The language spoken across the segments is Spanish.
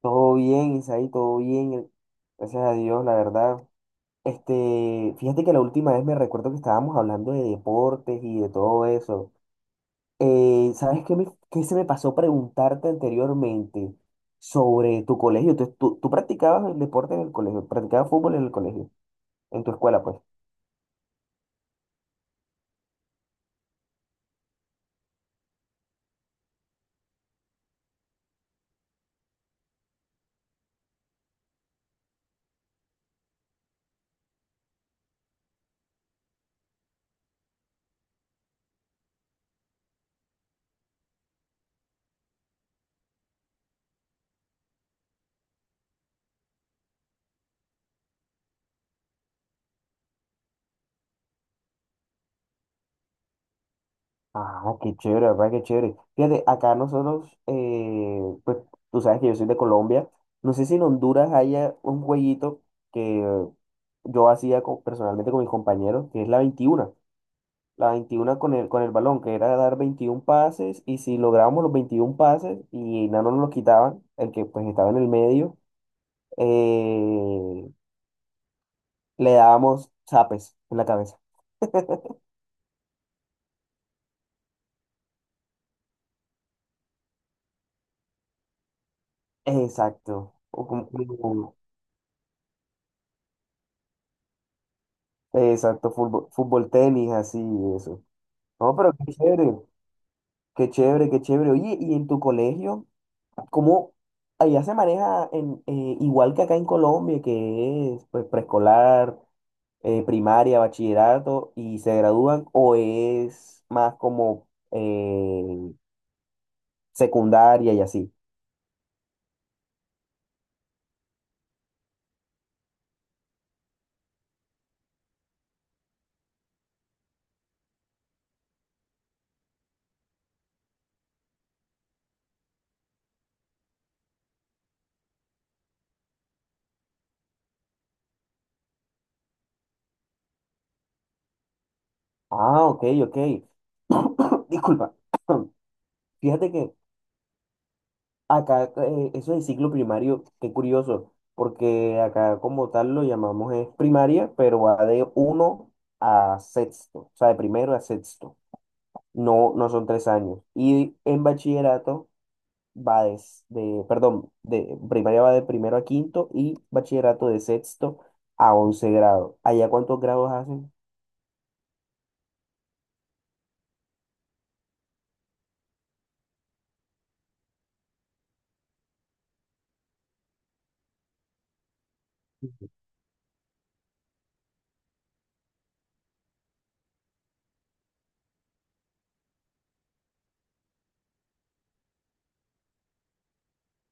Todo bien, Isaí, todo bien. Gracias a Dios, la verdad. Fíjate que la última vez me recuerdo que estábamos hablando de deportes y de todo eso. ¿Sabes qué, qué se me pasó preguntarte anteriormente sobre tu colegio? ¿¿Tú practicabas el deporte en el colegio? ¿Practicabas fútbol en el colegio? En tu escuela, pues. Ah, qué chévere, papá, qué chévere. Fíjate, acá nosotros, pues tú sabes que yo soy de Colombia. No sé si en Honduras haya un jueguito que yo hacía personalmente con mis compañeros, que es la 21. La 21 con el balón, que era dar 21 pases, y si lográbamos los 21 pases y no nos los quitaban, el que pues estaba en el medio, eh, le dábamos zapes en la cabeza. Exacto. O como- como- Exacto, fútbol, fútbol, tenis, así, eso. No, pero qué chévere, qué chévere, qué chévere. Oye, ¿y en tu colegio, cómo allá se maneja en, igual que acá en Colombia, que es pues preescolar, primaria, bachillerato y se gradúan, o es más como secundaria y así? Ah, ok, ok. Disculpa. Fíjate que, acá, eso de ciclo primario, qué curioso, porque acá como tal lo llamamos es primaria, pero va de uno a sexto, o sea, de primero a sexto, no, no son tres años. Y en bachillerato va perdón, de primaria va de primero a quinto y bachillerato de sexto a once grado. ¿Allá cuántos grados hacen?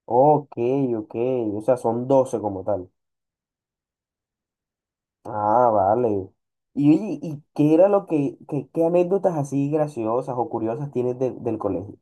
Ok, ok, o sea, son doce como tal. Ah, vale. Y, oye, ¿y qué era lo que, qué anécdotas así graciosas o curiosas tienes del colegio?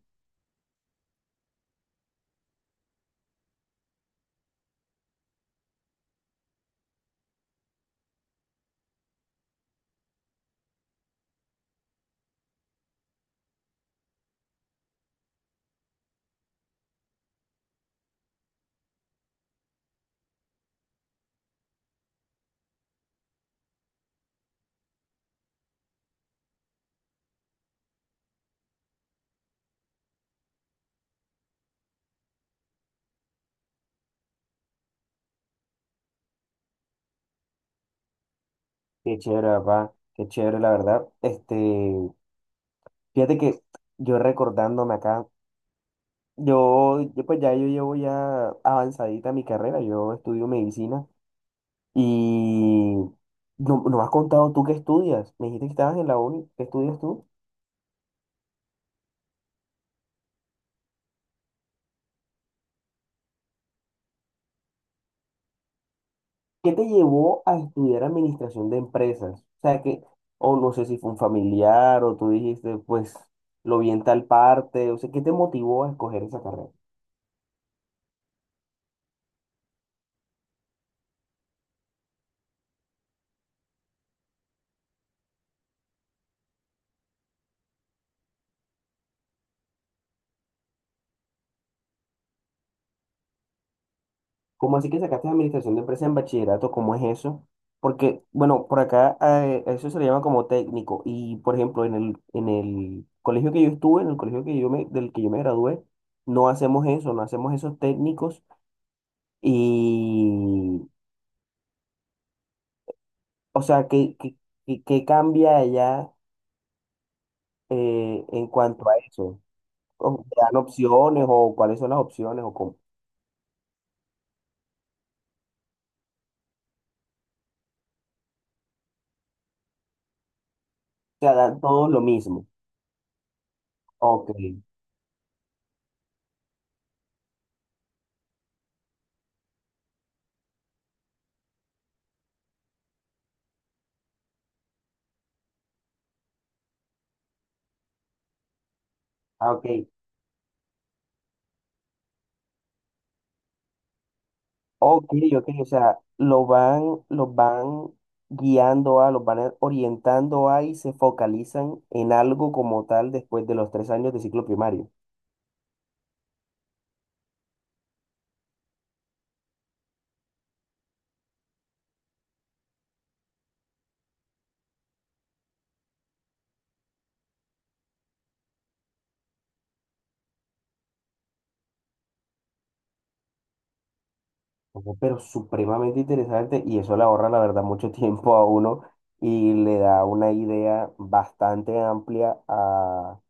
Qué chévere, papá, qué chévere, la verdad. Fíjate que yo recordándome acá, yo pues ya yo llevo ya avanzadita mi carrera, yo estudio medicina y no, no me has contado tú qué estudias. Me dijiste que estabas en la uni, ¿qué estudias tú? ¿Qué te llevó a estudiar administración de empresas? O sea, que, o no sé si fue un familiar o tú dijiste, pues lo vi en tal parte, o sea, ¿qué te motivó a escoger esa carrera? ¿Cómo así que sacaste administración de empresas en bachillerato? ¿Cómo es eso? Porque, bueno, por acá eso se le llama como técnico y, por ejemplo, en el colegio que yo estuve, en el colegio que del que yo me gradué, no hacemos eso, no hacemos esos técnicos y, o sea, ¿qué cambia allá? En cuanto a eso. ¿O te dan opciones o cuáles son las opciones o cómo? O sea, dan todo lo mismo. Ok, ah, ok, ok, o sea, lo van, los van guiando a, los van orientando a y se focalizan en algo como tal después de los tres años de ciclo primario. Ojo, pero supremamente interesante y eso le ahorra, la verdad, mucho tiempo a uno y le da una idea bastante amplia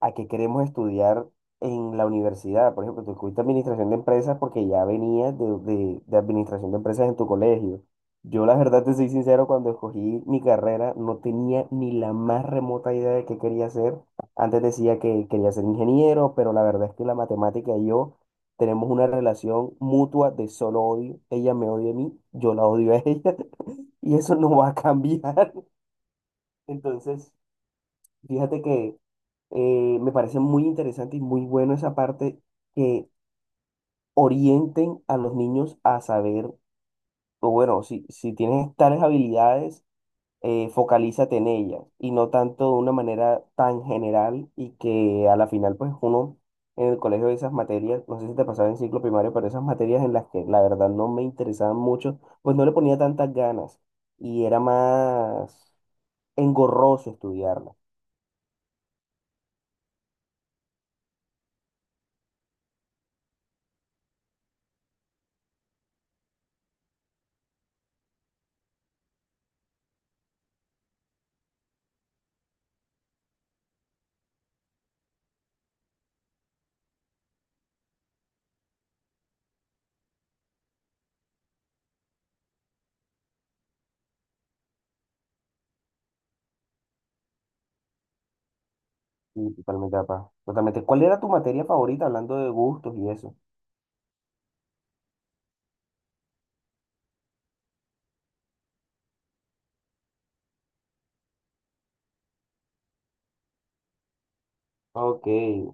a qué queremos estudiar en la universidad. Por ejemplo, tú escogiste administración de empresas porque ya venías de administración de empresas en tu colegio. Yo la verdad te soy sincero, cuando escogí mi carrera no tenía ni la más remota idea de qué quería hacer. Antes decía que quería ser ingeniero, pero la verdad es que la matemática y yo tenemos una relación mutua de solo odio. Ella me odia a mí, yo la odio a ella y eso no va a cambiar. Entonces... Fíjate que me parece muy interesante y muy bueno esa parte que orienten a los niños a saber, o bueno, si tienes tales habilidades, focalízate en ellas y no tanto de una manera tan general y que a la final, pues uno en el colegio de esas materias, no sé si te pasaba en ciclo primario, pero esas materias en las que la verdad no me interesaban mucho, pues no le ponía tantas ganas y era más engorroso estudiarlas. Sí, totalmente, papá. Totalmente. ¿Cuál era tu materia favorita hablando de gustos y eso? Ok,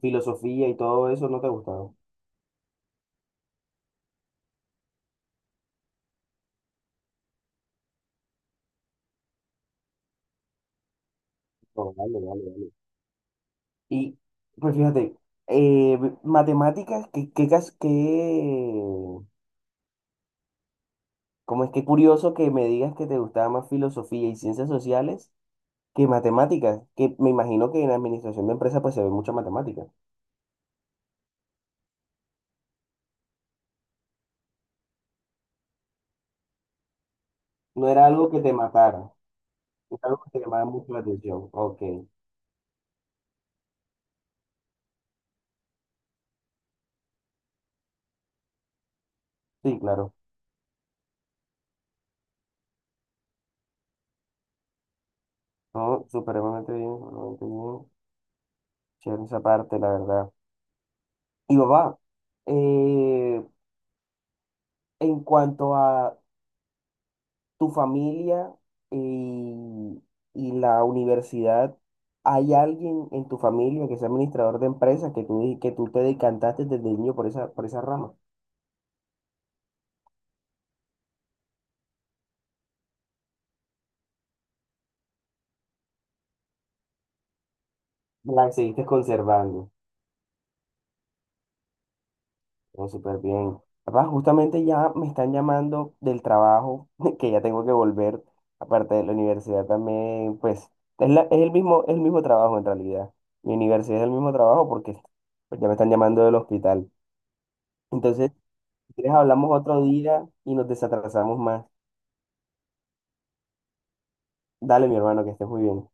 filosofía y todo eso no te gustaba. No, vale, vale, vale. Y pues fíjate, eh, matemáticas, cómo es que curioso que me digas que te gustaba más filosofía y ciencias sociales que matemáticas, que me imagino que en administración de empresas pues se ve mucha matemática. No era algo que te matara, era algo que te llamaba mucho la atención. Ok, sí, claro. No, supremamente bien, supremamente bien. Chévere esa parte, la verdad. Y papá, eh, en cuanto a tu familia eh, y, y la universidad, ¿hay alguien en tu familia que sea administrador de empresas que que tú te decantaste desde niño por esa rama? La seguiste conservando. Todo súper bien. Papá, justamente ya me están llamando del trabajo, que ya tengo que volver. Aparte de la universidad también, pues, es el mismo trabajo en realidad. Mi universidad es el mismo trabajo porque pues, ya me están llamando del hospital. Entonces, si quieres, hablamos otro día y nos desatrasamos más. Dale, mi hermano, que estés muy bien.